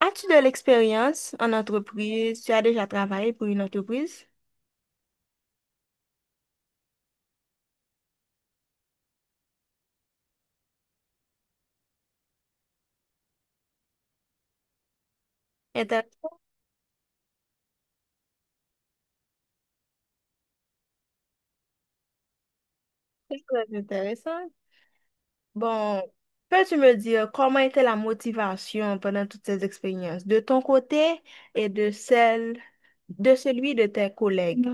As-tu de l'expérience en entreprise? Tu as déjà travaillé pour une entreprise? Intéressant, c'est très intéressant. Bon, peux-tu me dire comment était la motivation pendant toutes ces expériences, de ton côté et de celle, de celui de tes collègues?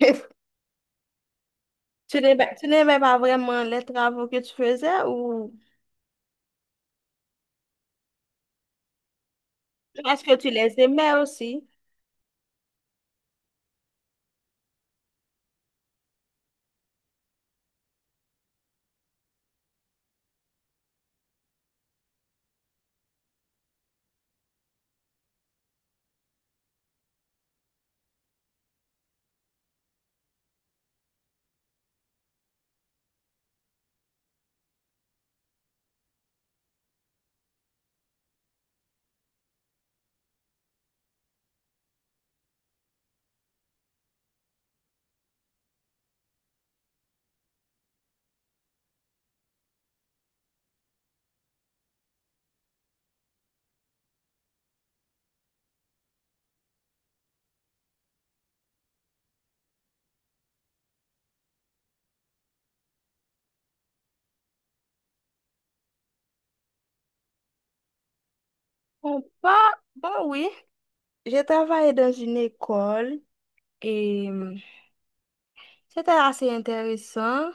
Tu n'aimais pas vraiment les travaux que tu faisais ou est-ce que tu les aimais aussi? Bon, pas, bon, oui. J'ai travaillé dans une école et c'était assez intéressant.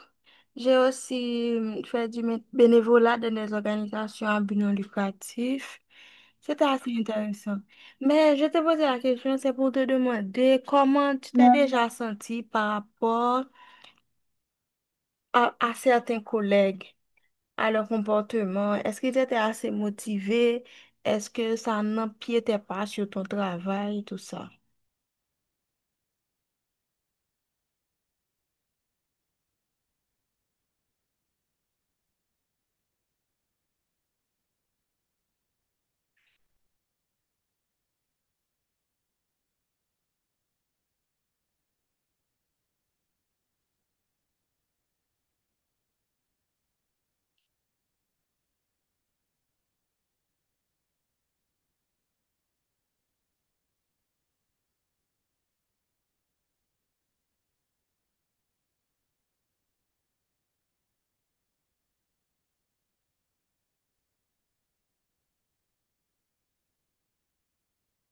J'ai aussi fait du bénévolat dans des organisations à but non lucratif. C'était assez intéressant. Mais je t'ai posé la question, c'est pour te demander comment tu t'es déjà senti par rapport à certains collègues, à leur comportement. Est-ce qu'ils étaient assez motivés? Est-ce que ça n'empiétait pas sur ton travail, tout ça?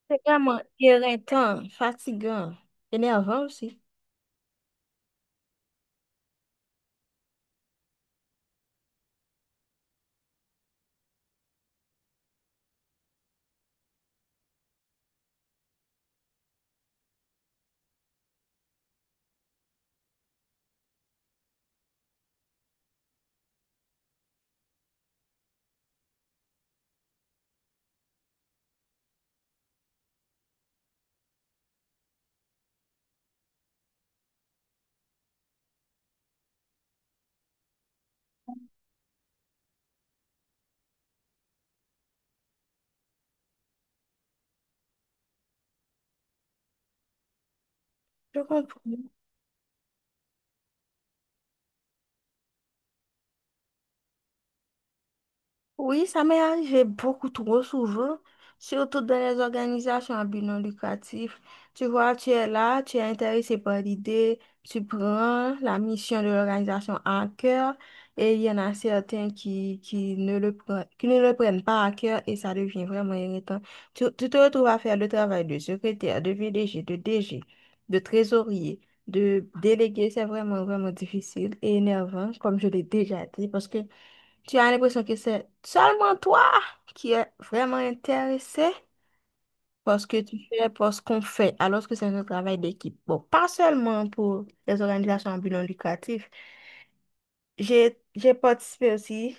C'est vraiment éreintant, fatigant, énervant aussi. Je comprends. Oui, ça m'est arrivé beaucoup trop souvent, surtout dans les organisations à but non lucratif. Tu vois, tu es là, tu es intéressé par l'idée, tu prends la mission de l'organisation à cœur et il y en a certains qui ne le prennent, qui ne le prennent pas à cœur et ça devient vraiment irritant. Tu te retrouves à faire le travail de secrétaire, de VDG, de DG, de trésorier, de délégué. C'est vraiment, vraiment difficile et énervant, comme je l'ai déjà dit, parce que tu as l'impression que c'est seulement toi qui es vraiment intéressé par ce que tu fais, par ce qu'on fait, alors que c'est un travail d'équipe. Bon, pas seulement pour les organisations à but non lucratif. J'ai, j'ai participé aussi,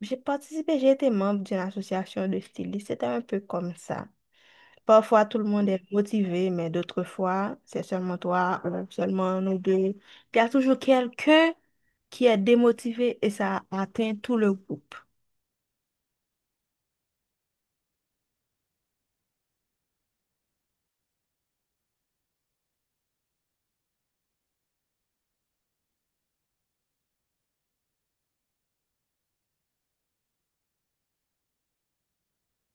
j'ai participé, j'ai été membre d'une association de stylistes. C'était un peu comme ça. Parfois, tout le monde est motivé, mais d'autres fois, c'est seulement toi ou seulement nous deux. Il y a toujours quelqu'un qui est démotivé et ça atteint tout le groupe.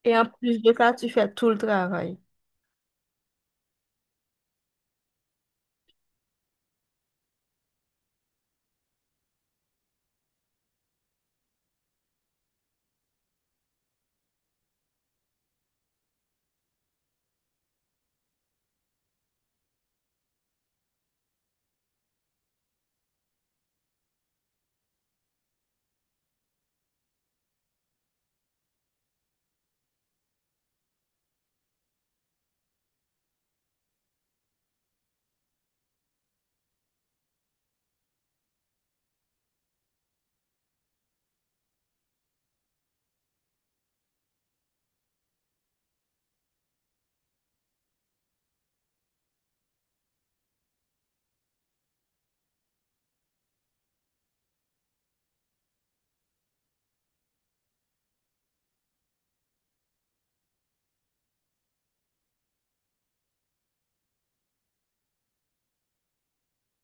Et en plus de ça, tu fais tout le travail.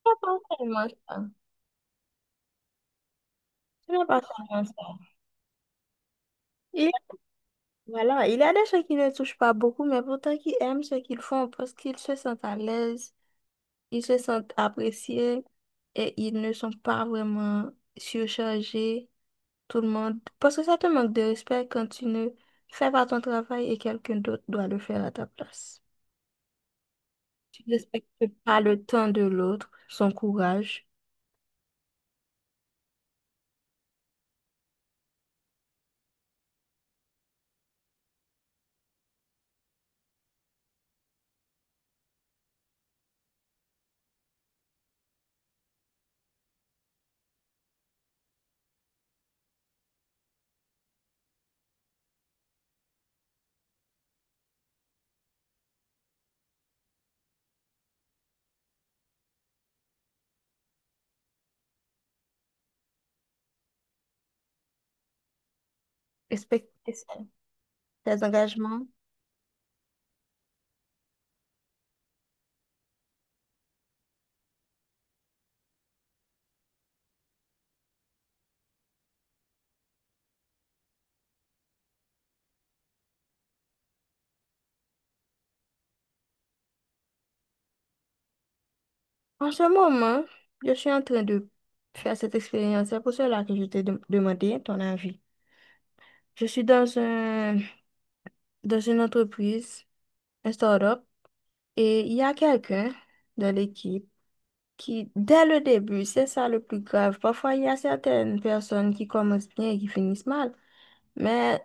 C'est pas seulement ça. Ce n'est pas seulement ça. Il, voilà, il y a des gens qui ne touchent pas beaucoup, mais pourtant qui aiment ce qu'ils font parce qu'ils se sentent à l'aise, ils se sentent appréciés et ils ne sont pas vraiment surchargés, tout le monde. Parce que ça te manque de respect quand tu ne fais pas ton travail et quelqu'un d'autre doit le faire à ta place. Tu ne respectes pas le temps de l'autre, son courage, respecte ses ses engagements. En ce moment, je suis en train de faire cette expérience. C'est pour cela que je t'ai demandé ton avis. Je suis dans une entreprise, un start-up, et il y a quelqu'un dans l'équipe qui, dès le début, c'est ça le plus grave. Parfois, il y a certaines personnes qui commencent bien et qui finissent mal. Mais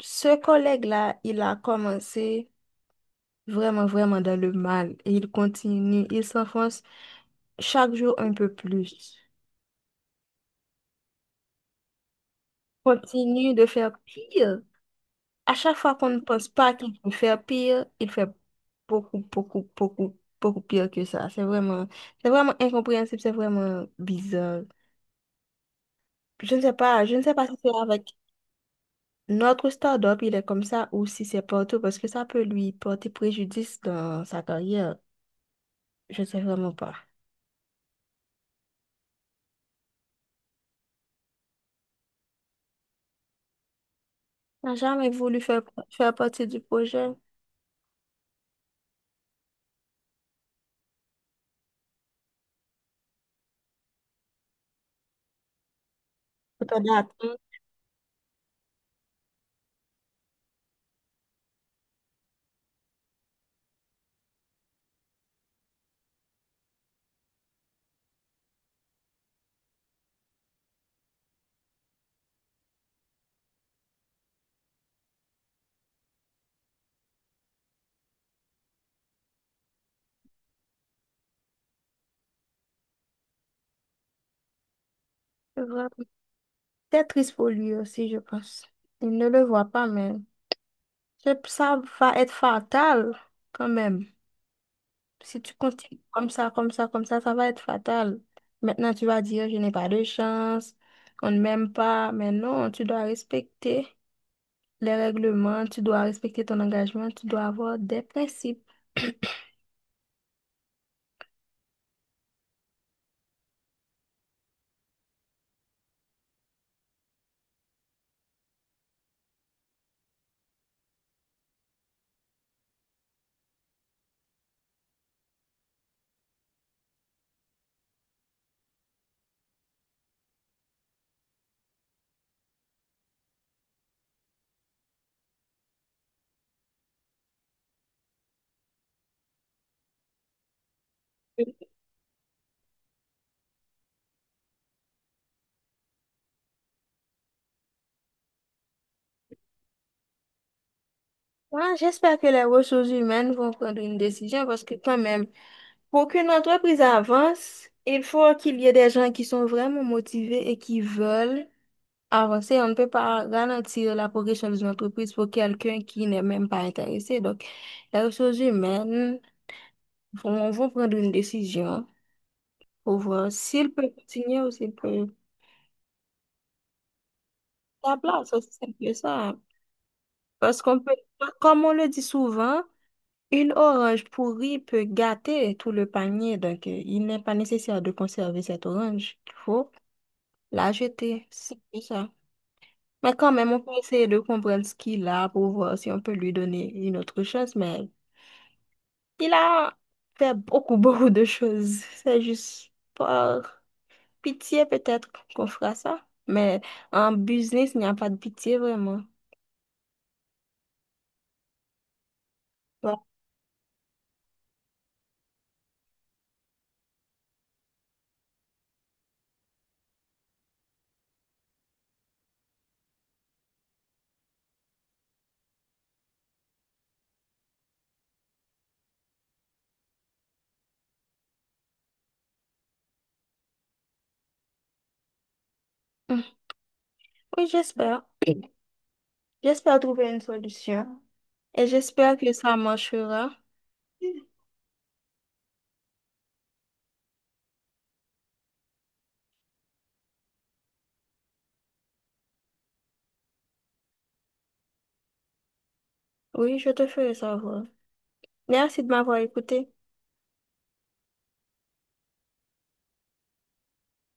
ce collègue-là, il a commencé vraiment, vraiment dans le mal et il continue, il s'enfonce chaque jour un peu plus. Continue de faire pire. À chaque fois qu'on ne pense pas qu'il peut faire pire, il fait beaucoup, beaucoup, beaucoup, beaucoup pire que ça. C'est vraiment incompréhensible, c'est vraiment bizarre. Je ne sais pas, si c'est avec notre start-up, il est comme ça, ou si c'est partout, parce que ça peut lui porter préjudice dans sa carrière. Je ne sais vraiment pas. N'a jamais voulu faire, faire partie du projet. Autant d'attendre. C'est c'est triste pour lui aussi, je pense. Il ne le voit pas, mais je- ça va être fatal quand même. Si tu continues comme ça, comme ça, comme ça va être fatal. Maintenant, tu vas dire, je n'ai pas de chance, on ne m'aime pas. Mais non, tu dois respecter les règlements, tu dois respecter ton engagement, tu dois avoir des principes. Moi, j'espère que les ressources humaines vont prendre une décision parce que quand même, pour qu'une entreprise avance, il faut qu'il y ait des gens qui sont vraiment motivés et qui veulent avancer. On ne peut pas garantir la progression d'une entreprise pour quelqu'un qui n'est même pas intéressé. Donc, les ressources humaines vont prendre une décision. Pour voir s'il peut continuer ou s'il peut sa place. Aussi simple que ça. Parce qu'on peut, comme on le dit souvent, une orange pourrie peut gâter tout le panier. Donc, il n'est pas nécessaire de conserver cette orange. Il faut la jeter. C'est que ça. Mais quand même, on peut essayer de comprendre ce qu'il a pour voir si on peut lui donner une autre chance. Mais il a fait beaucoup, beaucoup de choses. C'est juste pas. Pitié, peut-être qu'on fera ça, mais en business, il n'y a pas de pitié vraiment. Ouais. Mm. Oui, j'espère. J'espère trouver une solution et j'espère que ça marchera. Oui, je te ferai savoir. Merci de m'avoir écouté.